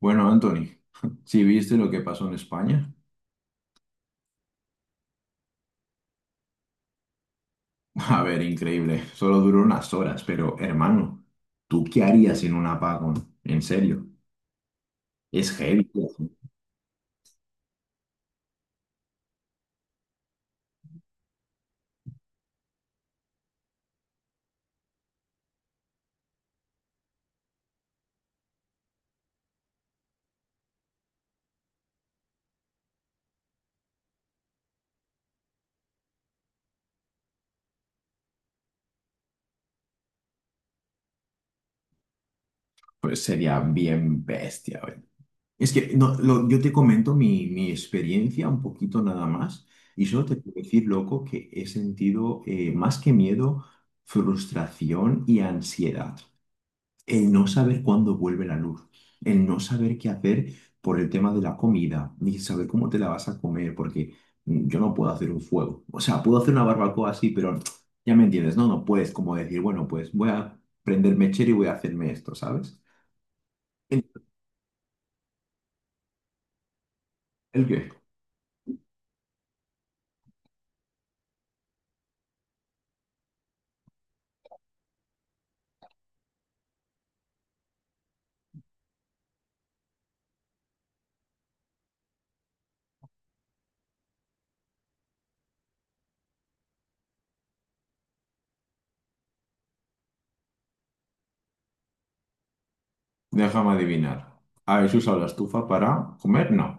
Bueno, Anthony, ¿si viste lo que pasó en España? A ver, increíble. Solo duró unas horas, pero hermano, ¿tú qué harías en un apagón? En serio, es heavy. Tío. Pues sería bien bestia, güey. Es que no, yo te comento mi experiencia un poquito nada más y solo te puedo decir, loco, que he sentido más que miedo, frustración y ansiedad. El no saber cuándo vuelve la luz, el no saber qué hacer por el tema de la comida, ni saber cómo te la vas a comer, porque yo no puedo hacer un fuego. O sea, puedo hacer una barbacoa así, pero ya me entiendes, ¿no? No puedes como decir, bueno, pues voy a prender mechero y voy a hacerme esto, ¿sabes? ¿El, ¿el qué? Déjame adivinar. ¿Habéis usado la estufa para comer? No.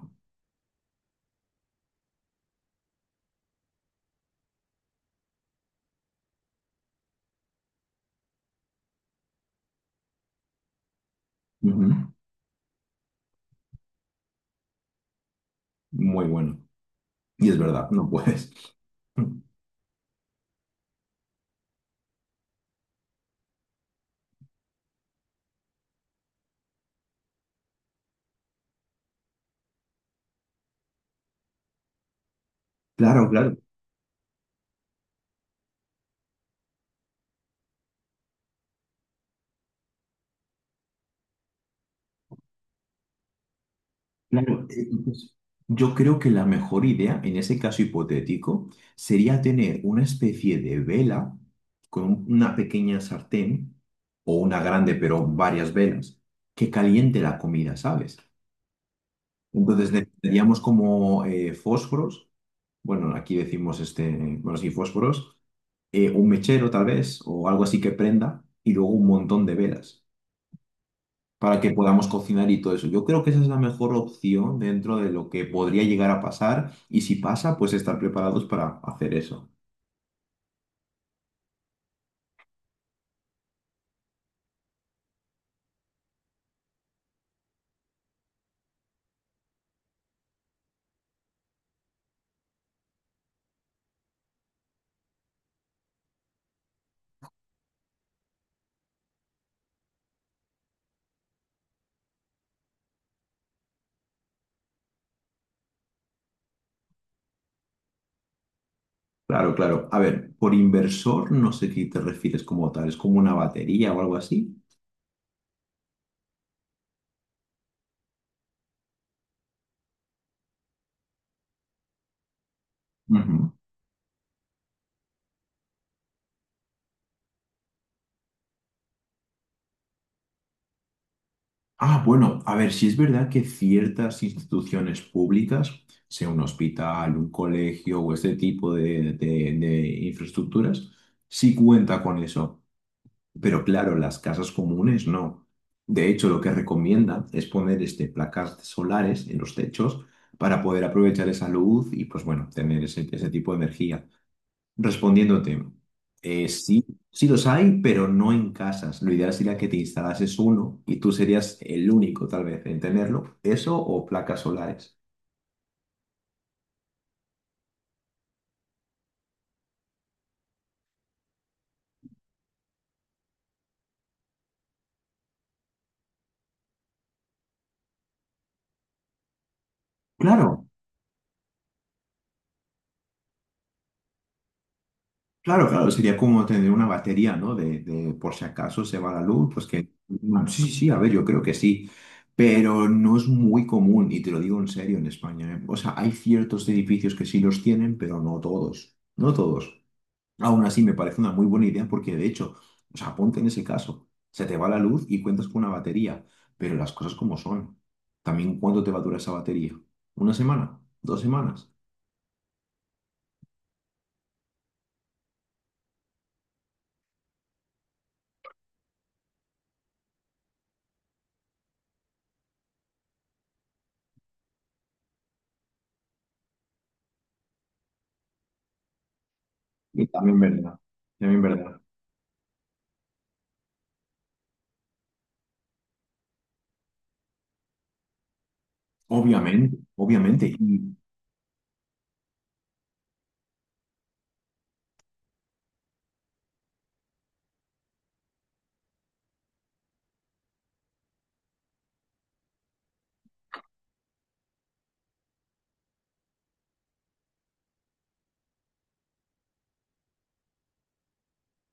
Ujú. Muy bueno. Y es verdad, no puedes. Claro, claro. Claro, pues, yo creo que la mejor idea en ese caso hipotético sería tener una especie de vela con una pequeña sartén o una grande, pero varias velas, que caliente la comida, ¿sabes? Entonces necesitaríamos como fósforos, bueno, aquí decimos bueno, sí, fósforos, un mechero tal vez o algo así que prenda y luego un montón de velas para que podamos cocinar y todo eso. Yo creo que esa es la mejor opción dentro de lo que podría llegar a pasar y si pasa, pues estar preparados para hacer eso. Claro, claro. A ver, por inversor no sé qué te refieres como tal, es como una batería o algo así. Ujú. Ah, bueno, a ver, si es verdad que ciertas instituciones públicas, sea un hospital, un colegio o este tipo de, de infraestructuras, sí cuenta con eso. Pero claro, las casas comunes no. De hecho, lo que recomienda es poner este, placas solares en los techos para poder aprovechar esa luz y, pues bueno, tener ese, ese tipo de energía. Respondiéndote, sí, sí los hay, pero no en casas. Lo ideal sería que te instalases uno y tú serías el único, tal vez, en tenerlo. Eso o placas solares. Claro. Claro, claro, sería como tener una batería, ¿no? De por si acaso se va la luz, pues que... bueno, sí, sí, a ver, yo creo que sí, pero no es muy común, y te lo digo en serio, en España, ¿eh? O sea, hay ciertos edificios que sí los tienen, pero no todos, no todos. Aún así, me parece una muy buena idea porque, de hecho, o sea, ponte en ese caso, se te va la luz y cuentas con una batería, pero las cosas como son. También, ¿cuánto te va a durar esa batería? ¿Una semana? ¿Dos semanas? Y también verdad, también verdad. Obviamente, obviamente.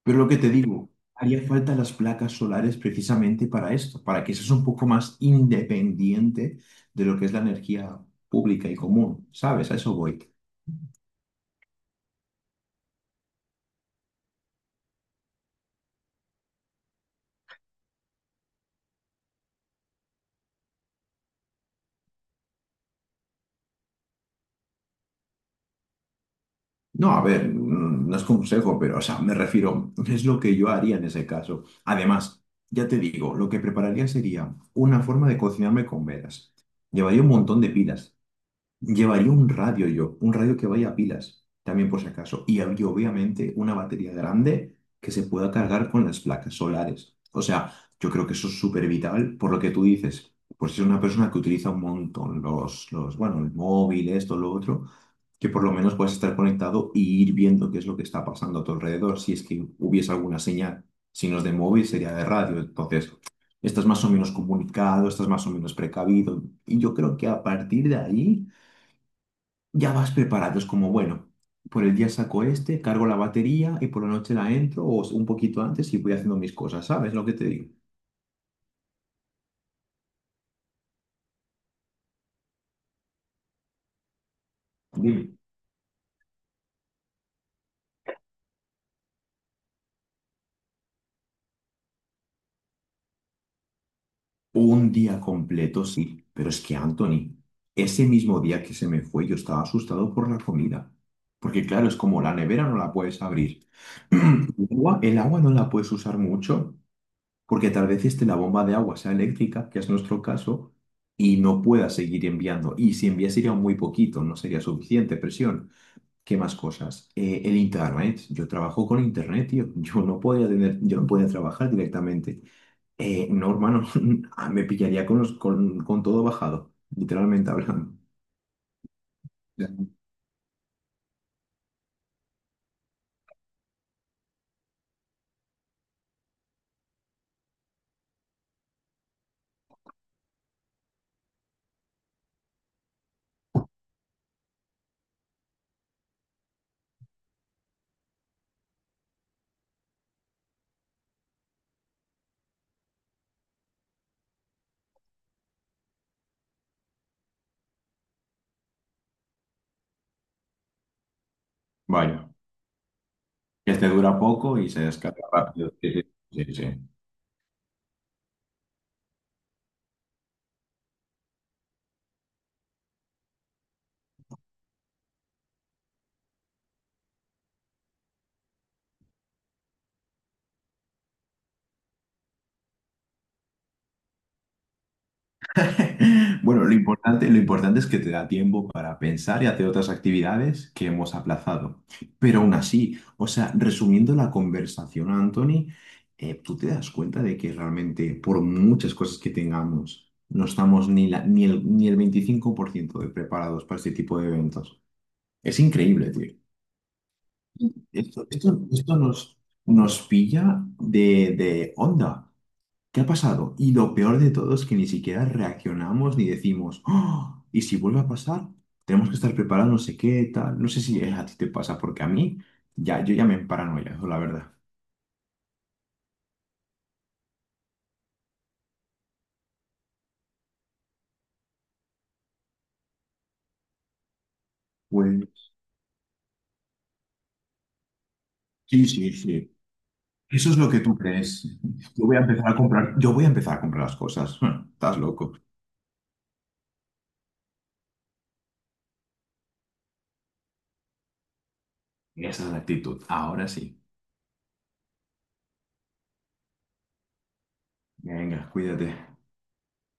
Pero lo que te digo, haría falta las placas solares precisamente para esto, para que seas un poco más independiente de lo que es la energía pública y común, ¿sabes? A eso voy. No, a ver, no es consejo, pero, o sea, me refiero, es lo que yo haría en ese caso. Además, ya te digo, lo que prepararía sería una forma de cocinarme con velas. Llevaría un montón de pilas. Llevaría un radio yo, un radio que vaya a pilas, también por si acaso. Y habría obviamente una batería grande que se pueda cargar con las placas solares. O sea, yo creo que eso es súper vital por lo que tú dices. Pues si es una persona que utiliza un montón bueno, el móvil, esto, lo otro, que por lo menos puedas estar conectado y ir viendo qué es lo que está pasando a tu alrededor. Si es que hubiese alguna señal, si no es de móvil, sería de radio. Entonces, estás más o menos comunicado, estás más o menos precavido. Y yo creo que a partir de ahí ya vas preparados como, bueno, por el día saco este, cargo la batería y por la noche la entro o un poquito antes y voy haciendo mis cosas, ¿sabes lo que te digo? Dime. Un día completo, sí, pero es que Anthony, ese mismo día que se me fue, yo estaba asustado por la comida. Porque claro, es como la nevera no la puedes abrir. El agua no la puedes usar mucho porque tal vez esté la bomba de agua sea eléctrica, que es nuestro caso, y no pueda seguir enviando. Y si envía sería muy poquito, no sería suficiente presión. ¿Qué más cosas? El internet. Yo trabajo con internet, tío. Yo no podía tener, yo no podía trabajar directamente. No, hermano, ah, me pillaría con con todo bajado, literalmente hablando. Ya. Vaya, este dura poco y se descarga rápido. Sí, sí, sí, sí. Bueno, lo importante es que te da tiempo para pensar y hacer otras actividades que hemos aplazado. Pero aún así, o sea, resumiendo la conversación, Anthony, tú te das cuenta de que realmente por muchas cosas que tengamos, no estamos ni, ni el 25% de preparados para este tipo de eventos. Es increíble, tío. Esto nos, nos pilla de onda. ¿Qué ha pasado? Y lo peor de todo es que ni siquiera reaccionamos ni decimos, "Oh, ¿y si vuelve a pasar? Tenemos que estar preparados, no sé qué, tal." No sé si a ti te pasa, porque a mí ya, yo ya me emparanoia, la verdad. Pues sí, sí, sí. Eso es lo que tú crees. Yo voy a empezar a comprar las cosas. Estás loco. Esa es la actitud. Ahora sí. Venga, cuídate.